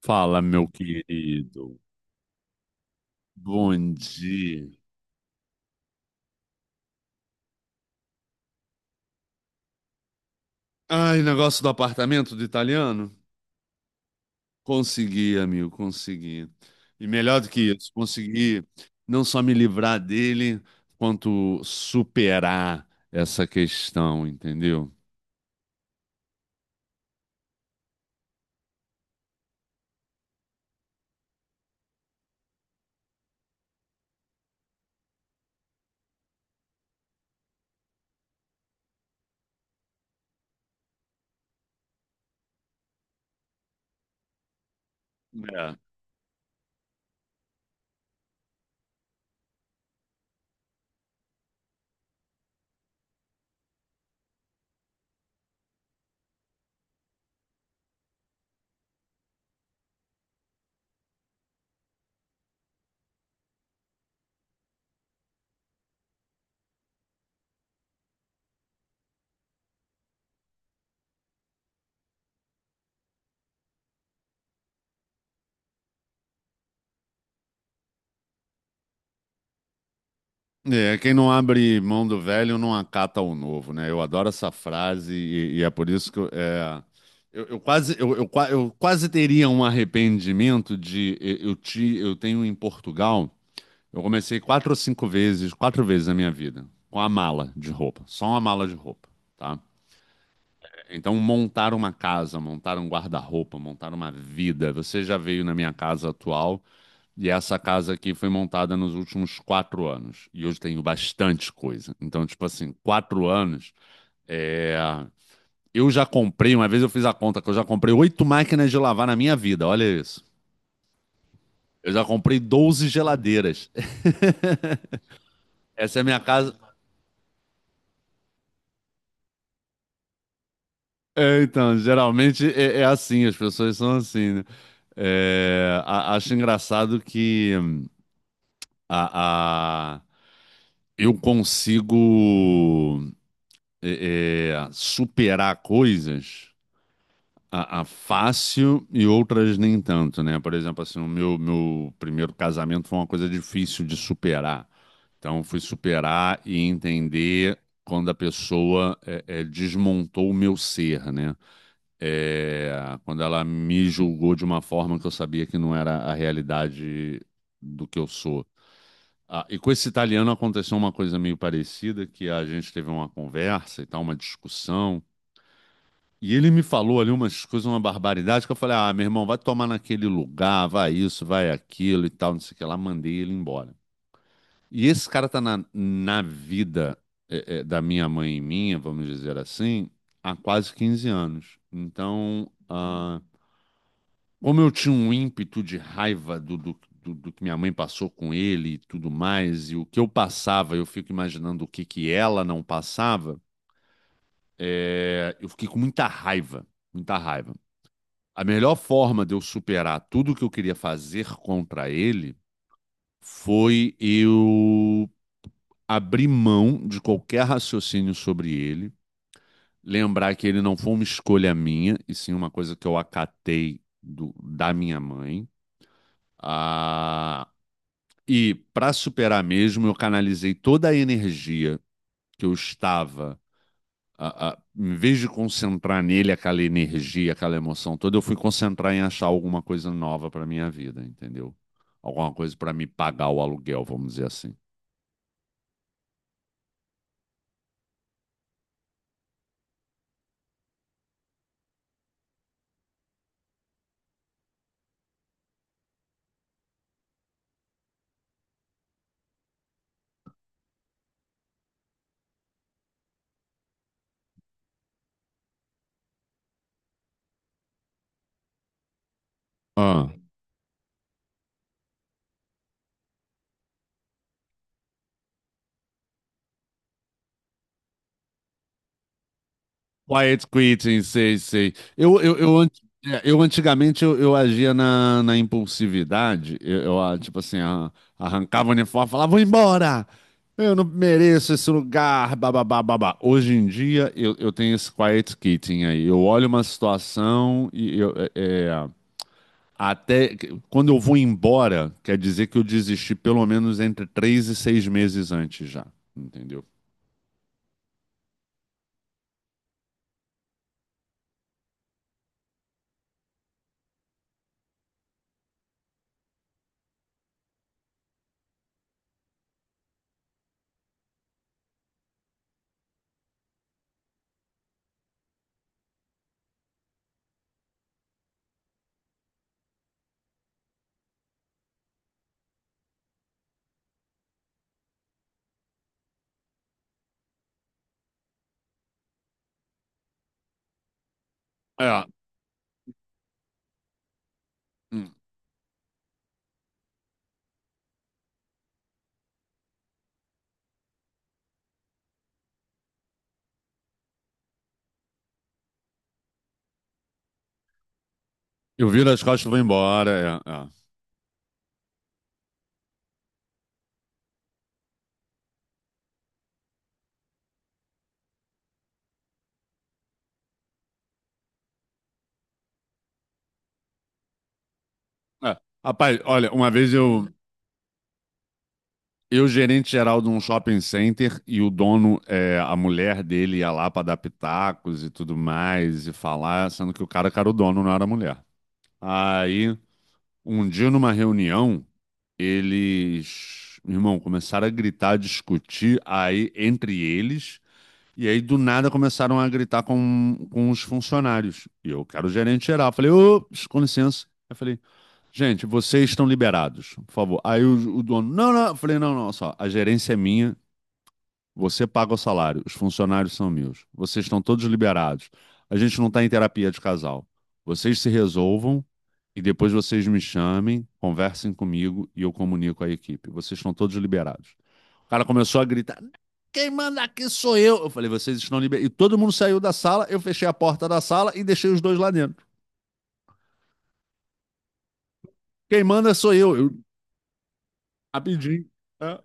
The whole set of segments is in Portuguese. Fala, meu querido. Bom dia. Ai, negócio do apartamento do italiano? Consegui, amigo, consegui. E melhor do que isso, consegui não só me livrar dele, quanto superar essa questão, entendeu? É, quem não abre mão do velho não acata o novo, né? Eu adoro essa frase e é por isso que eu quase teria um arrependimento de eu ti- eu tenho em Portugal. Eu comecei quatro ou cinco vezes, quatro vezes na minha vida, com a mala de roupa, só uma mala de roupa, tá? Então, montar uma casa, montar um guarda-roupa, montar uma vida. Você já veio na minha casa atual e essa casa aqui foi montada nos últimos 4 anos. E eu tenho bastante coisa. Então, tipo assim, 4 anos. é, uma vez eu fiz a conta que eu já comprei oito máquinas de lavar na minha vida. Olha isso. Eu já comprei 12 geladeiras. Essa é a minha casa. É, então, geralmente é assim, as pessoas são assim, né? É, acho engraçado que a, a- eu consigo superar coisas a fácil e outras nem tanto, né? Por exemplo, assim, o meu primeiro casamento foi uma coisa difícil de superar. Então, eu fui superar e entender quando a pessoa desmontou o meu ser, né? É, quando ela me julgou de uma forma que eu sabia que não era a realidade do que eu sou. Ah, e com esse italiano aconteceu uma coisa meio parecida, que a gente teve uma conversa e tal, uma discussão. E ele me falou ali umas coisas, uma barbaridade, que eu falei, ah, meu irmão, vai tomar naquele lugar, vai isso, vai aquilo e tal, não sei o que lá, mandei ele embora. E esse cara tá na vida da minha mãe e minha, vamos dizer assim, há quase 15 anos. Então, ah, como eu tinha um ímpeto de raiva do que minha mãe passou com ele e tudo mais, e o que eu passava, eu fico imaginando o que que ela não passava. Eu fiquei com muita raiva, muita raiva. A melhor forma de eu superar tudo o que eu queria fazer contra ele foi eu abrir mão de qualquer raciocínio sobre ele, lembrar que ele não foi uma escolha minha, e sim uma coisa que eu acatei do- da minha mãe. Ah, e para superar mesmo, eu canalizei toda a energia que eu estava, em vez de concentrar nele aquela energia, aquela emoção toda, eu fui concentrar em achar alguma coisa nova para minha vida, entendeu? Alguma coisa para me pagar o aluguel, vamos dizer assim. Ah. Quiet quitting, sei, sei. Eu antigamente eu agia na impulsividade. Eu, tipo assim, arrancava o uniforme, e falava, vou embora! Eu não mereço esse lugar, bababá, babá. Hoje em dia eu tenho esse quiet quitting aí. Eu olho uma situação e eu, é, é, até que- quando eu vou embora, quer dizer que eu desisti pelo menos entre 3 e 6 meses antes já, entendeu? É. hum. Eu viro as costas e vou embora. É, é. É. Rapaz, olha, uma vez eu, gerente geral de um shopping center, e o dono, a mulher dele ia lá para dar pitacos e tudo mais e falar, sendo que o cara que era o dono, não era a mulher. Aí, um dia numa reunião, eles, meu irmão, começaram a gritar, a discutir aí entre eles, e aí do nada começaram a gritar com os funcionários. E eu, que era o gerente geral, falei, ô, com licença. Eu falei, gente, vocês estão liberados, por favor. Aí o dono, não, não, eu falei, não, não, só, a gerência é minha, você paga o salário, os funcionários são meus, vocês estão todos liberados. A gente não está em terapia de casal. Vocês se resolvam e depois vocês me chamem, conversem comigo e eu comunico a equipe. Vocês estão todos liberados. O cara começou a gritar: quem manda aqui sou eu. Eu falei, vocês estão liberados. E todo mundo saiu da sala, eu fechei a porta da sala e deixei os dois lá dentro. Quem manda sou eu. Eu rapidinho. É.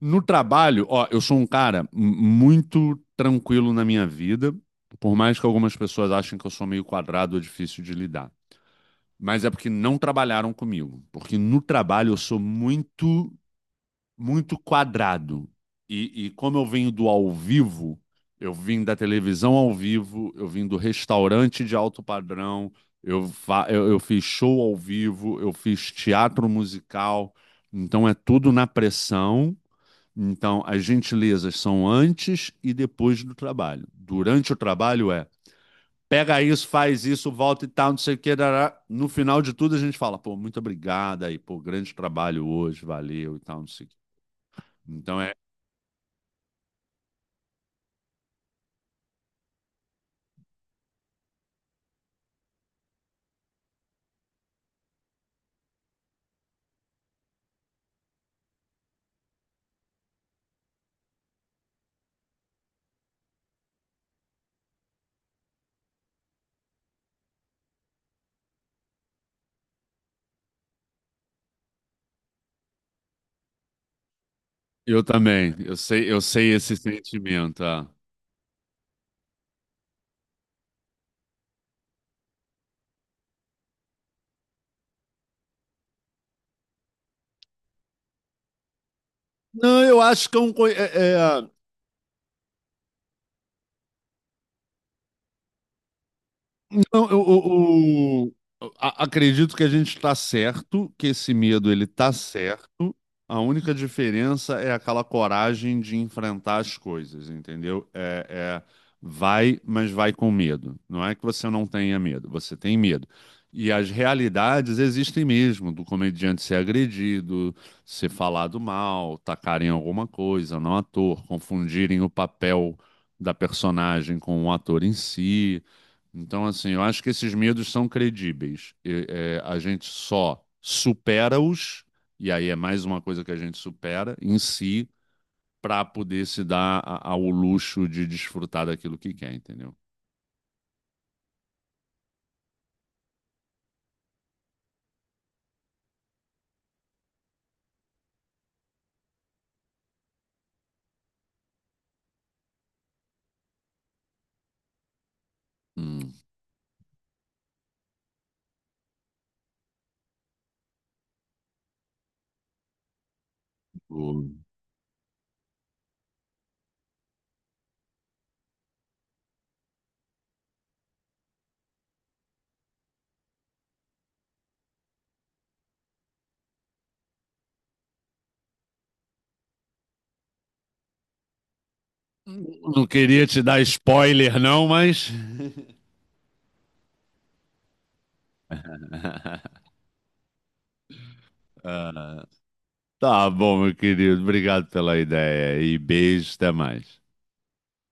No trabalho, ó, eu sou um cara muito tranquilo na minha vida, por mais que algumas pessoas achem que eu sou meio quadrado ou difícil de lidar. Mas é porque não trabalharam comigo. Porque no trabalho eu sou muito, muito quadrado. E como eu venho do ao vivo, eu vim da televisão ao vivo, eu vim do restaurante de alto padrão, eu fiz show ao vivo, eu fiz teatro musical. Então é tudo na pressão. Então, as gentilezas são antes e depois do trabalho. Durante o trabalho é pega isso, faz isso, volta e tal, não sei o que. Dará. No final de tudo, a gente fala, pô, muito obrigado aí, pô, grande trabalho hoje, valeu e tal, não sei o que. Então é. Eu também, eu sei esse sentimento. Ah. Não, eu acho que é um. Co- é- é- não, eu- Acredito que a gente está certo, que esse medo ele está certo. A única diferença é aquela coragem de enfrentar as coisas, entendeu? É, vai, mas vai com medo. Não é que você não tenha medo, você tem medo. E as realidades existem mesmo, do comediante ser agredido, ser falado mal, tacarem alguma coisa no ator, confundirem o papel da personagem com o ator em si. Então, assim, eu acho que esses medos são credíveis. E, a gente só supera-os, e aí é mais uma coisa que a gente supera em si para poder se dar ao luxo de desfrutar daquilo que quer, entendeu? Hum, o- Não queria te dar spoiler, não, mas. Ah, tá bom, meu querido. Obrigado pela ideia e beijo, até mais.